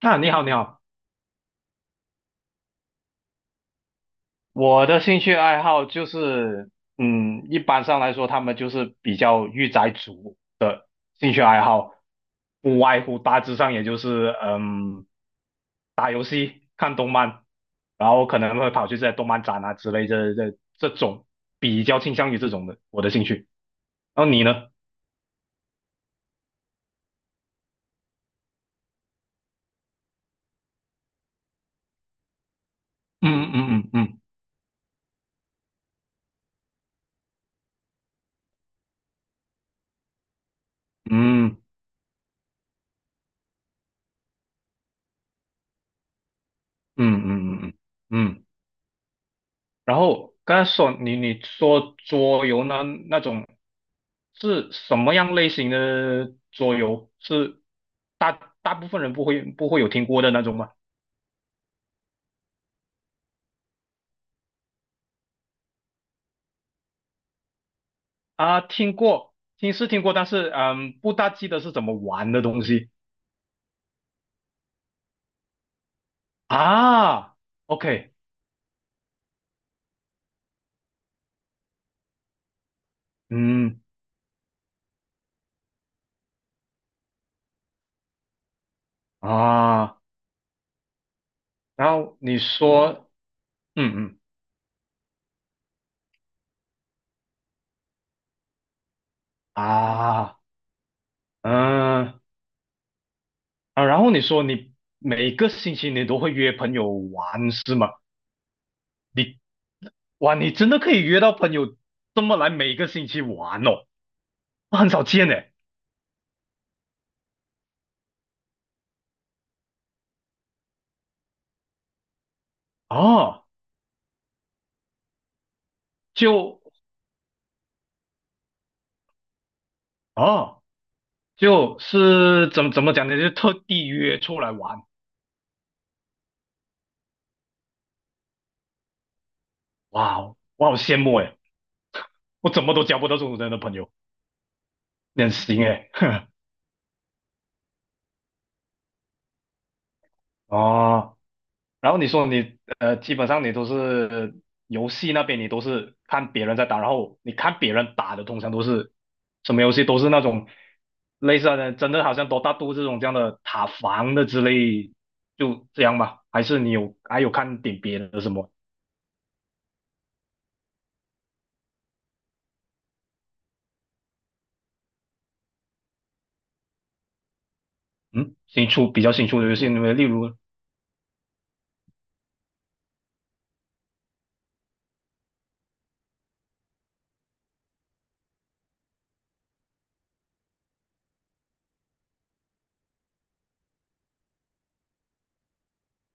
啊，你好，你好。我的兴趣爱好就是，一般上来说，他们就是比较御宅族的兴趣爱好，不外乎大致上也就是，打游戏、看动漫，然后可能会跑去这些动漫展啊之类这种，比较倾向于这种的我的兴趣。然后你呢？嗯嗯嗯嗯嗯嗯嗯嗯嗯嗯。嗯嗯。然后刚才说你说桌游呢那种是什么样类型的桌游？是大部分人不会有听过的那种吗？啊，听过，听是听过，但是不大记得是怎么玩的东西。啊。OK,嗯啊，然后你说，嗯嗯啊嗯啊，然后你说你每个星期你都会约朋友玩是吗？你。哇，你真的可以约到朋友这么来每个星期玩哦，那很少见诶。哦，就哦，就是怎么讲呢？就特地约出来玩。哇哦我好羡慕诶，我怎么都交不到这种人的朋友，你很行诶。哦，然后你说你基本上你都是游戏那边，你都是看别人在打，然后你看别人打的，通常都是什么游戏都是那种类似的，真的好像多大都这种这样的塔防的之类，就这样吧？还是你有还有看点别的什么？嗯，比较新出的游戏，你们例如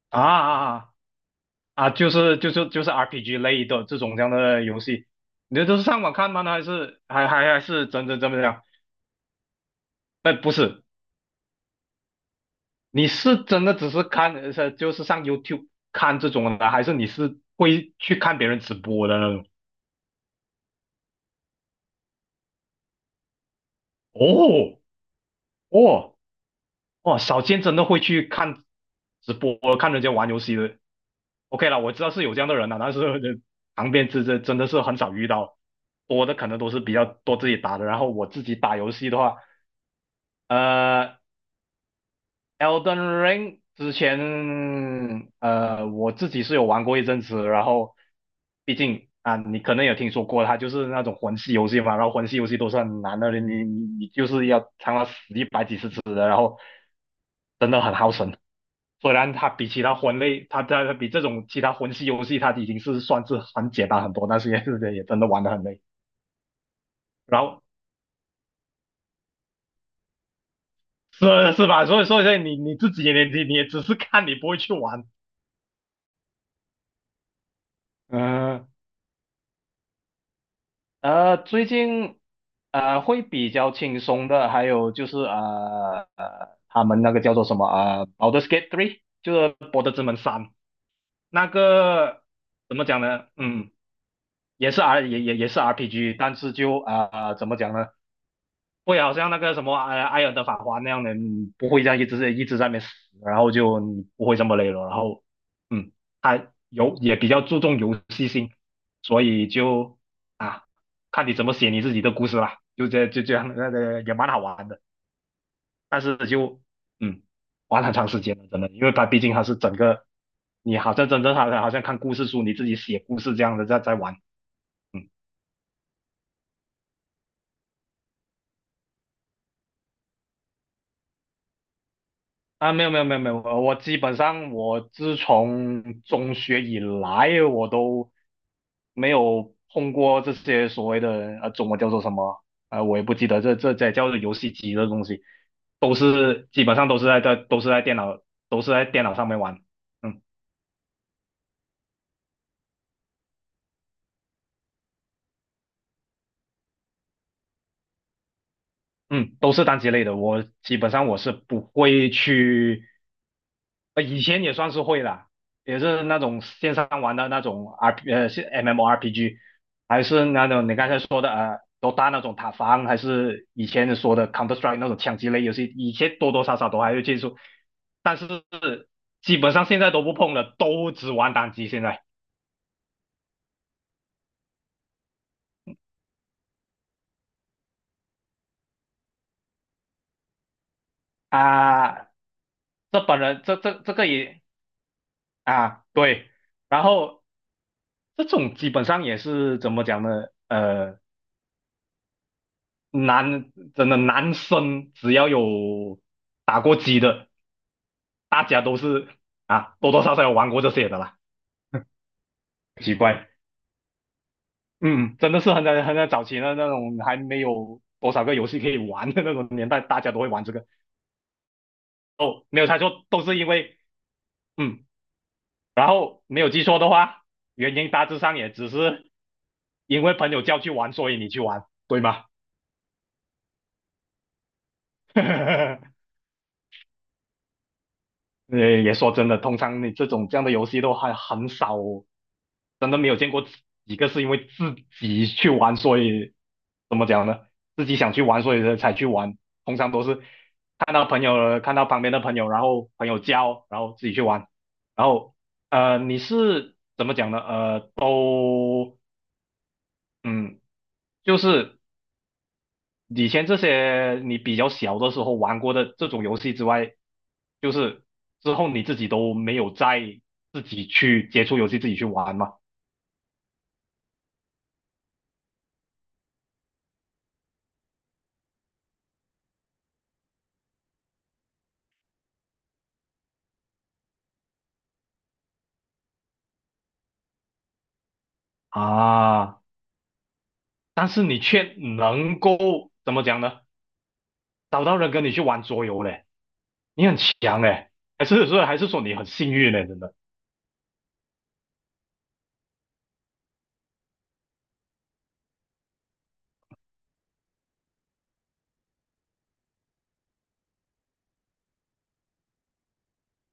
啊啊啊啊，就是 RPG 类的这种这样的游戏，你这都是上网看吗？还是真的这样？你是真的只是看，就是上 YouTube 看这种的，还是你是会去看别人直播的那种？哦哦哦，少见真的会去看直播，看人家玩游戏的。OK 了，我知道是有这样的人了，但是旁边这真的是很少遇到，多的可能都是比较多自己打的。然后我自己打游戏的话，呃，Elden Ring 之前，我自己是有玩过一阵子，然后毕竟啊，你可能有听说过，它就是那种魂系游戏嘛，然后魂系游戏都是很难的，你就是要尝到死一百几十次的，然后真的很耗神。虽然它比其他魂类，它比这种其他魂系游戏，它已经是算是很简单很多，但是也是也真的玩得很累。然后是吧？所以你自己也你也只是看，你不会去玩。嗯、最近会比较轻松的，还有就是他们那个叫做什么啊，《Baldur's Gate three,就是《博德之门三》那个怎么讲呢？嗯，也是 R 也也也是 RPG,但是就怎么讲呢？会啊好像那个什么埃尔的法环那样的，你不会这样一直一直在那边死，然后就你不会这么累了。然后，嗯，他有也比较注重游戏性，所以就啊，看你怎么写你自己的故事啦，就这样，那个也蛮好玩的。但是就嗯，玩很长时间了，真的，因为它毕竟它是整个，你好像真正好像看故事书，你自己写故事这样的在玩。嗯。啊，没有没有没有没有，我基本上我自从中学以来，我都没有碰过这些所谓的中文叫做什么我也不记得这叫做游戏机的东西，都是基本上都是在电脑都是在电脑上面玩，嗯嗯，都是单机类的，我基本上我是不会去以前也算是会啦，也是那种线上玩的那种 是 M M O R P G,还是那种你刚才说的那种塔防，还是以前说的 Counter Strike 那种枪击类游戏，以前多多少少都还会接触，但是基本上现在都不碰了，都只玩单机现在啊。这本人这个也啊对，然后这种基本上也是怎么讲呢？呃。真的男生只要有打过机的，大家都是啊多多少少有玩过这些的啦。奇怪，嗯，真的是很在很在早期的那种还没有多少个游戏可以玩的那种年代，大家都会玩这个。哦，没有猜错，都是因为嗯，然后没有记错的话，原因大致上也只是因为朋友叫去玩，所以你去玩，对吗？也说真的，通常你这种这样的游戏都还很少，真的没有见过几个是因为自己去玩，所以怎么讲呢？自己想去玩，所以才去玩。通常都是看到朋友，看到旁边的朋友，然后朋友教，然后自己去玩。然后你是怎么讲呢？都嗯，就是。以前这些你比较小的时候玩过的这种游戏之外，就是之后你自己都没有再自己去接触游戏，自己去玩嘛。啊，但是你却能够怎么讲呢？找到人跟你去玩桌游嘞，你很强嘞，还是说你很幸运嘞？真的，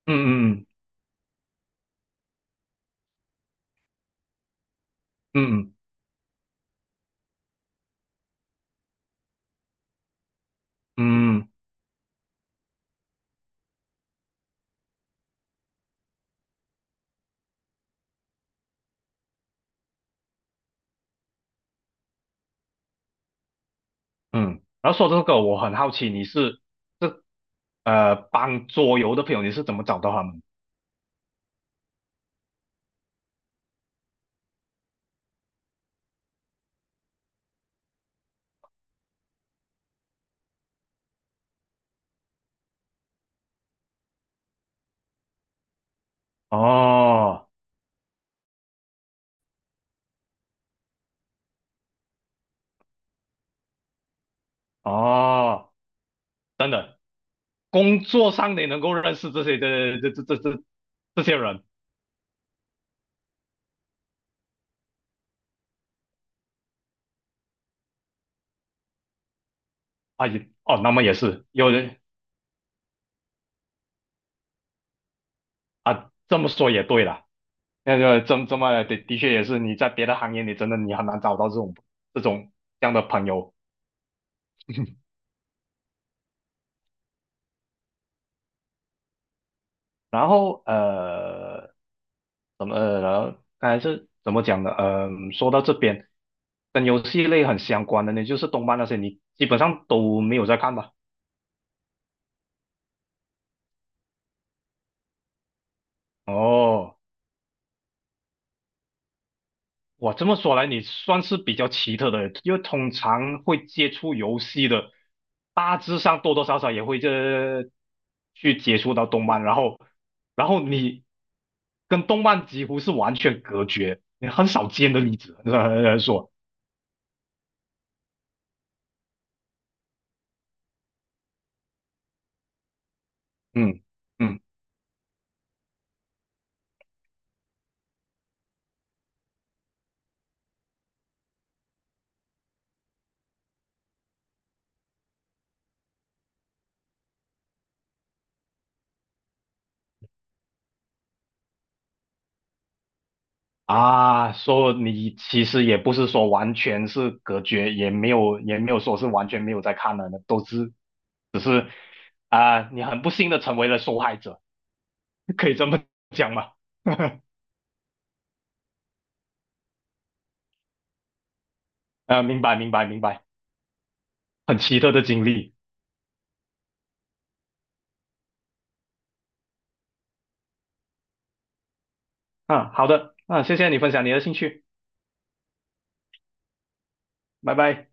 嗯嗯嗯嗯嗯嗯。然后说这个，我很好奇你是这帮桌游的朋友，你是怎么找到他们？哦哦。工作上你能够认识这些的这些人啊，也哦，那么也是有人啊，这么说也对了，那个这这么的的确也是你在别的行业你真的你很难找到这种这样的朋友，然后怎么然后刚才是怎么讲的？说到这边跟游戏类很相关的呢，就是动漫那些，你基本上都没有在看吧？哦。哇，这么说来，你算是比较奇特的，因为通常会接触游戏的，大致上多多少少也会去接触到动漫，然后，然后你跟动漫几乎是完全隔绝，你很少见的例子，说，嗯嗯啊，说你其实也不是说完全是隔绝，也没有说是完全没有在看了的，都是啊，你很不幸的成为了受害者，可以这么讲吗？啊，明白明白明白，很奇特的经历。啊，好的，啊，谢谢你分享你的兴趣，拜拜。